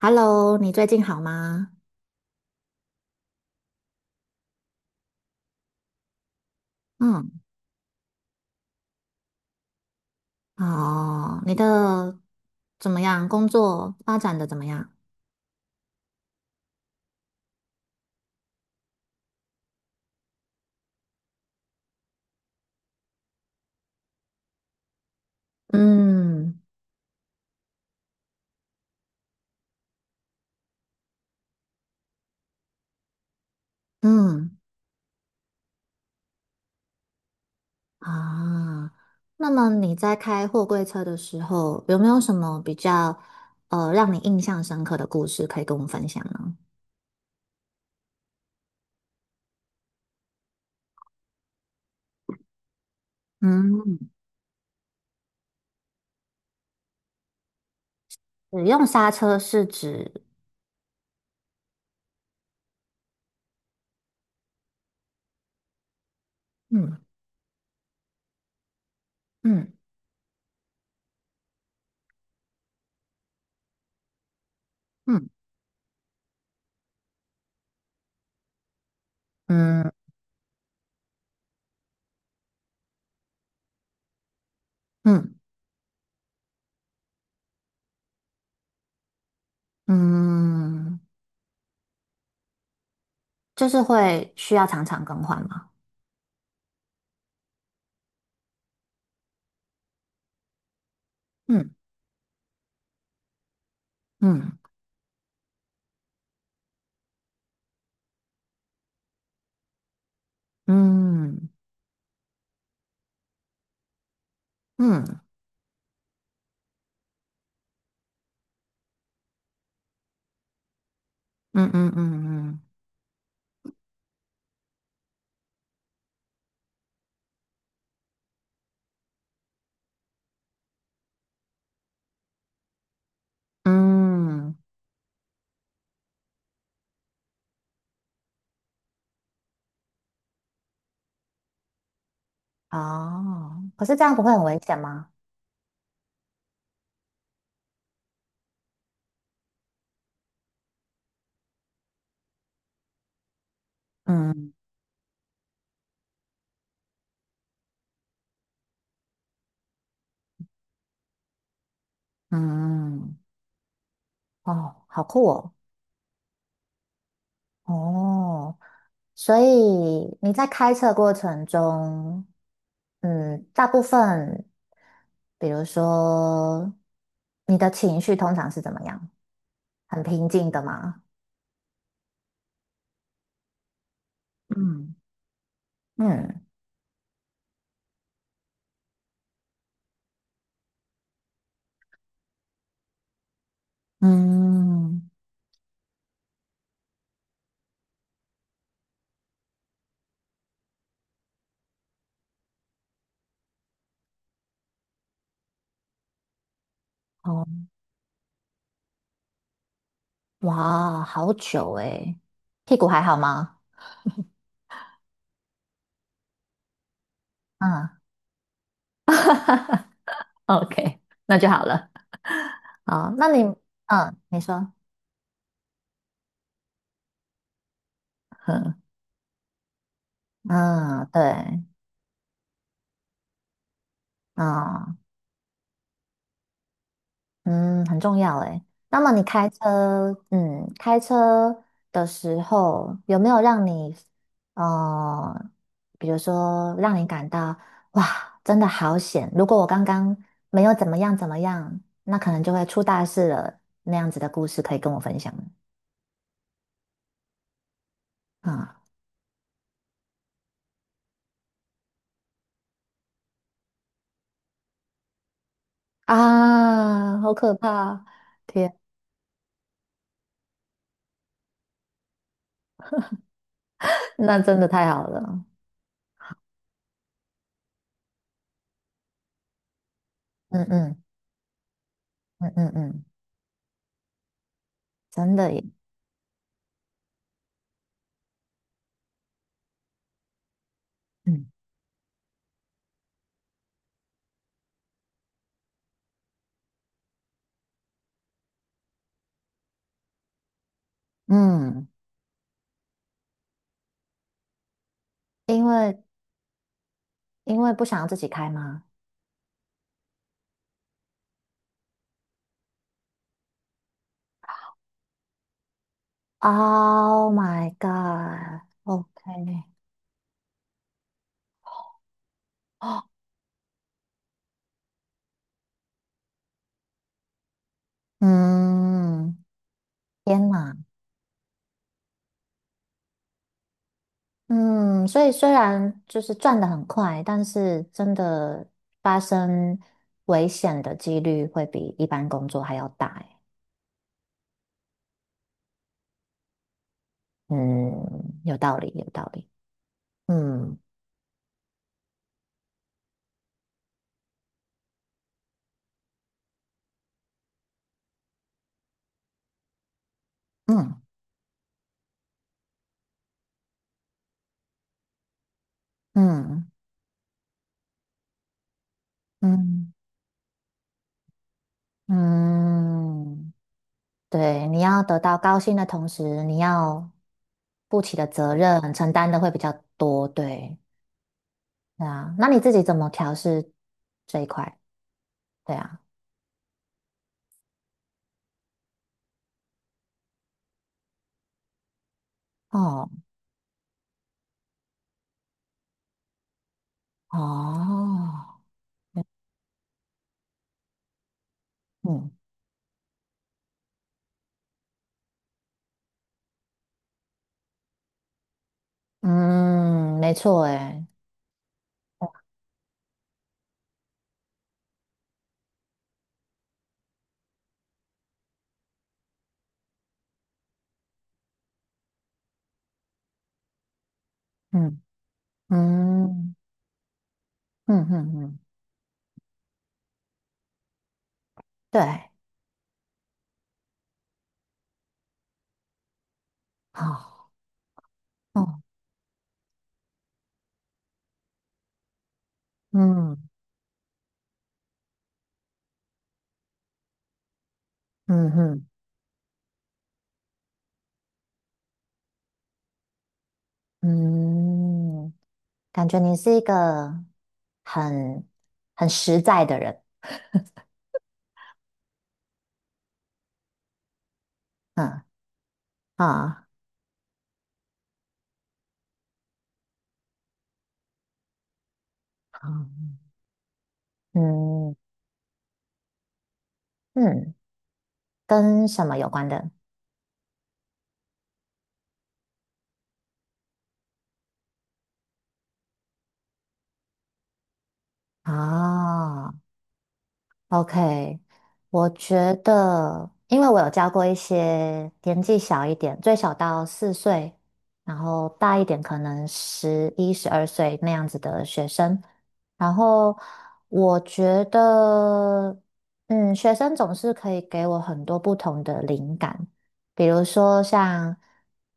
Hello，你最近好吗？嗯，哦，你的怎么样？工作发展的怎么样？嗯嗯啊，那么你在开货柜车的时候，有没有什么比较让你印象深刻的故事可以跟我们分享呢？嗯，使用刹车是指？嗯嗯嗯嗯嗯嗯，就是会需要常常更换吗？嗯嗯嗯嗯。嗯嗯嗯嗯嗯，哦，可是这样不会很危险吗？嗯嗯，哦，好酷哦，哦，所以你在开车过程中，嗯，大部分，比如说你的情绪通常是怎么样？很平静的吗？嗯嗯嗯，哦，哇，好久诶，屁股还好吗？嗯。OK，那就好了。啊、那你，嗯，你说，嗯，嗯，对，嗯嗯对啊，嗯很重要诶。那么你开车，嗯，开车的时候有没有让你，呃，比如说让你感到哇，真的好险！如果我刚刚没有怎么样怎么样，那可能就会出大事了。那样子的故事可以跟我分享吗？啊、啊，好可怕！天，那真的太好了。嗯嗯嗯嗯嗯，真的耶，嗯嗯，因为因为不想要自己开吗？Oh my god，OK，哦，嗯，天哪，嗯，所以虽然就是赚得很快，但是真的发生危险的几率会比一般工作还要大耶嗯，有道理，有道理，嗯嗯嗯嗯。嗯嗯对，你要得到高薪的同时，你要负起的责任承担的会比较多，对，对啊。那你自己怎么调试这一块？对啊，哦哦，嗯嗯，嗯没错，诶，嗯嗯嗯嗯嗯，对，好，哦，嗯嗯嗯嗯，感觉你是一个很很实在的人，嗯啊，好嗯。嗯，跟什么有关的？啊，OK，我觉得，因为我有教过一些年纪小一点，最小到4岁，然后大一点可能11、12岁那样子的学生，然后我觉得，嗯，学生总是可以给我很多不同的灵感，比如说像，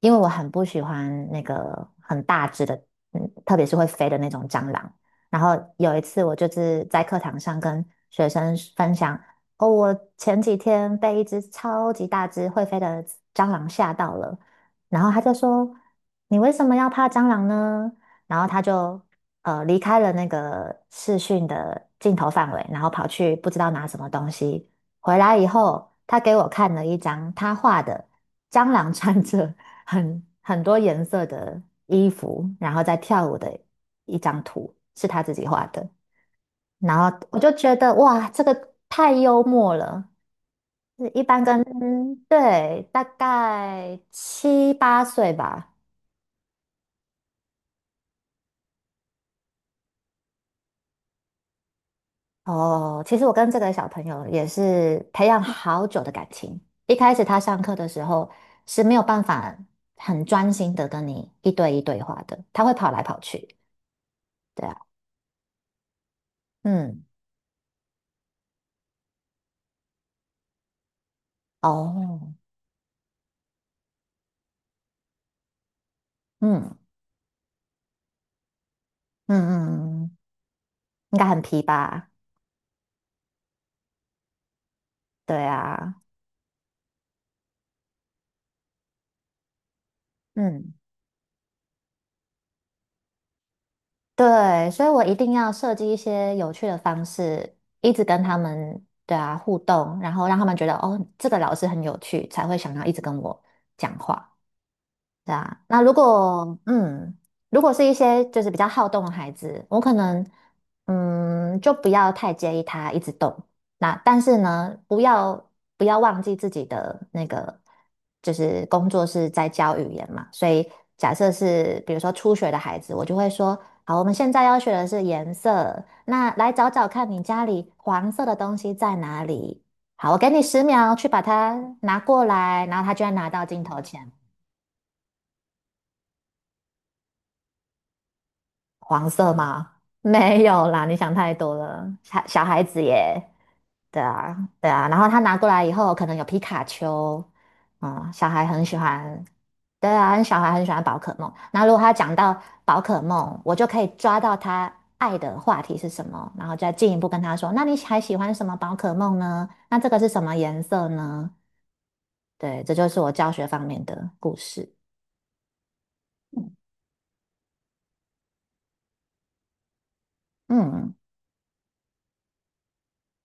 因为我很不喜欢那个很大只的，嗯，特别是会飞的那种蟑螂。然后有一次我就是在课堂上跟学生分享，哦，我前几天被一只超级大只会飞的蟑螂吓到了，然后他就说，你为什么要怕蟑螂呢？然后他就离开了那个视讯的镜头范围，然后跑去不知道拿什么东西。回来以后，他给我看了一张他画的蟑螂穿着很多颜色的衣服，然后在跳舞的一张图是他自己画的，然后我就觉得哇，这个太幽默了。就是一般跟对大概7、8岁吧。哦，其实我跟这个小朋友也是培养好久的感情。一开始他上课的时候是没有办法很专心的跟你一对一对话的，他会跑来跑去。对啊，嗯，哦，嗯嗯嗯嗯。嗯应该很皮吧？对啊，嗯，对，所以我一定要设计一些有趣的方式，一直跟他们对啊互动，然后让他们觉得哦，这个老师很有趣，才会想要一直跟我讲话。对啊，那如果嗯，如果是一些就是比较好动的孩子，我可能嗯就不要太介意他一直动。那但是呢，不要忘记自己的那个就是工作是在教语言嘛，所以假设是比如说初学的孩子，我就会说，好，我们现在要学的是颜色，那来找找看你家里黄色的东西在哪里。好，我给你10秒去把它拿过来，然后他就会拿到镜头前。黄色吗？没有啦，你想太多了，小小孩子耶。对啊，对啊，然后他拿过来以后，可能有皮卡丘，嗯，小孩很喜欢，对啊，小孩很喜欢宝可梦。那如果他讲到宝可梦，我就可以抓到他爱的话题是什么，然后再进一步跟他说，那你还喜欢什么宝可梦呢？那这个是什么颜色呢？对，这就是我教学方面的故事。嗯嗯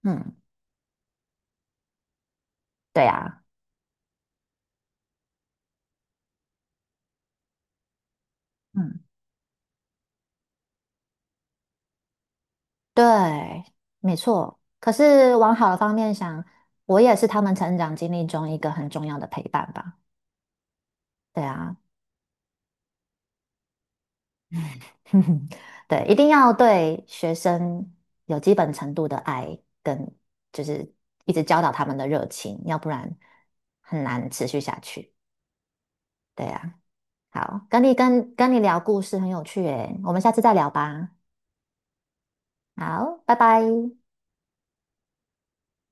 嗯，对啊。嗯。对，没错。可是往好的方面想，我也是他们成长经历中一个很重要的陪伴吧。对啊，对，一定要对学生有基本程度的爱，跟就是一直教导他们的热情，要不然很难持续下去。对啊，好，跟你跟你聊故事很有趣诶，我们下次再聊吧。好，拜拜。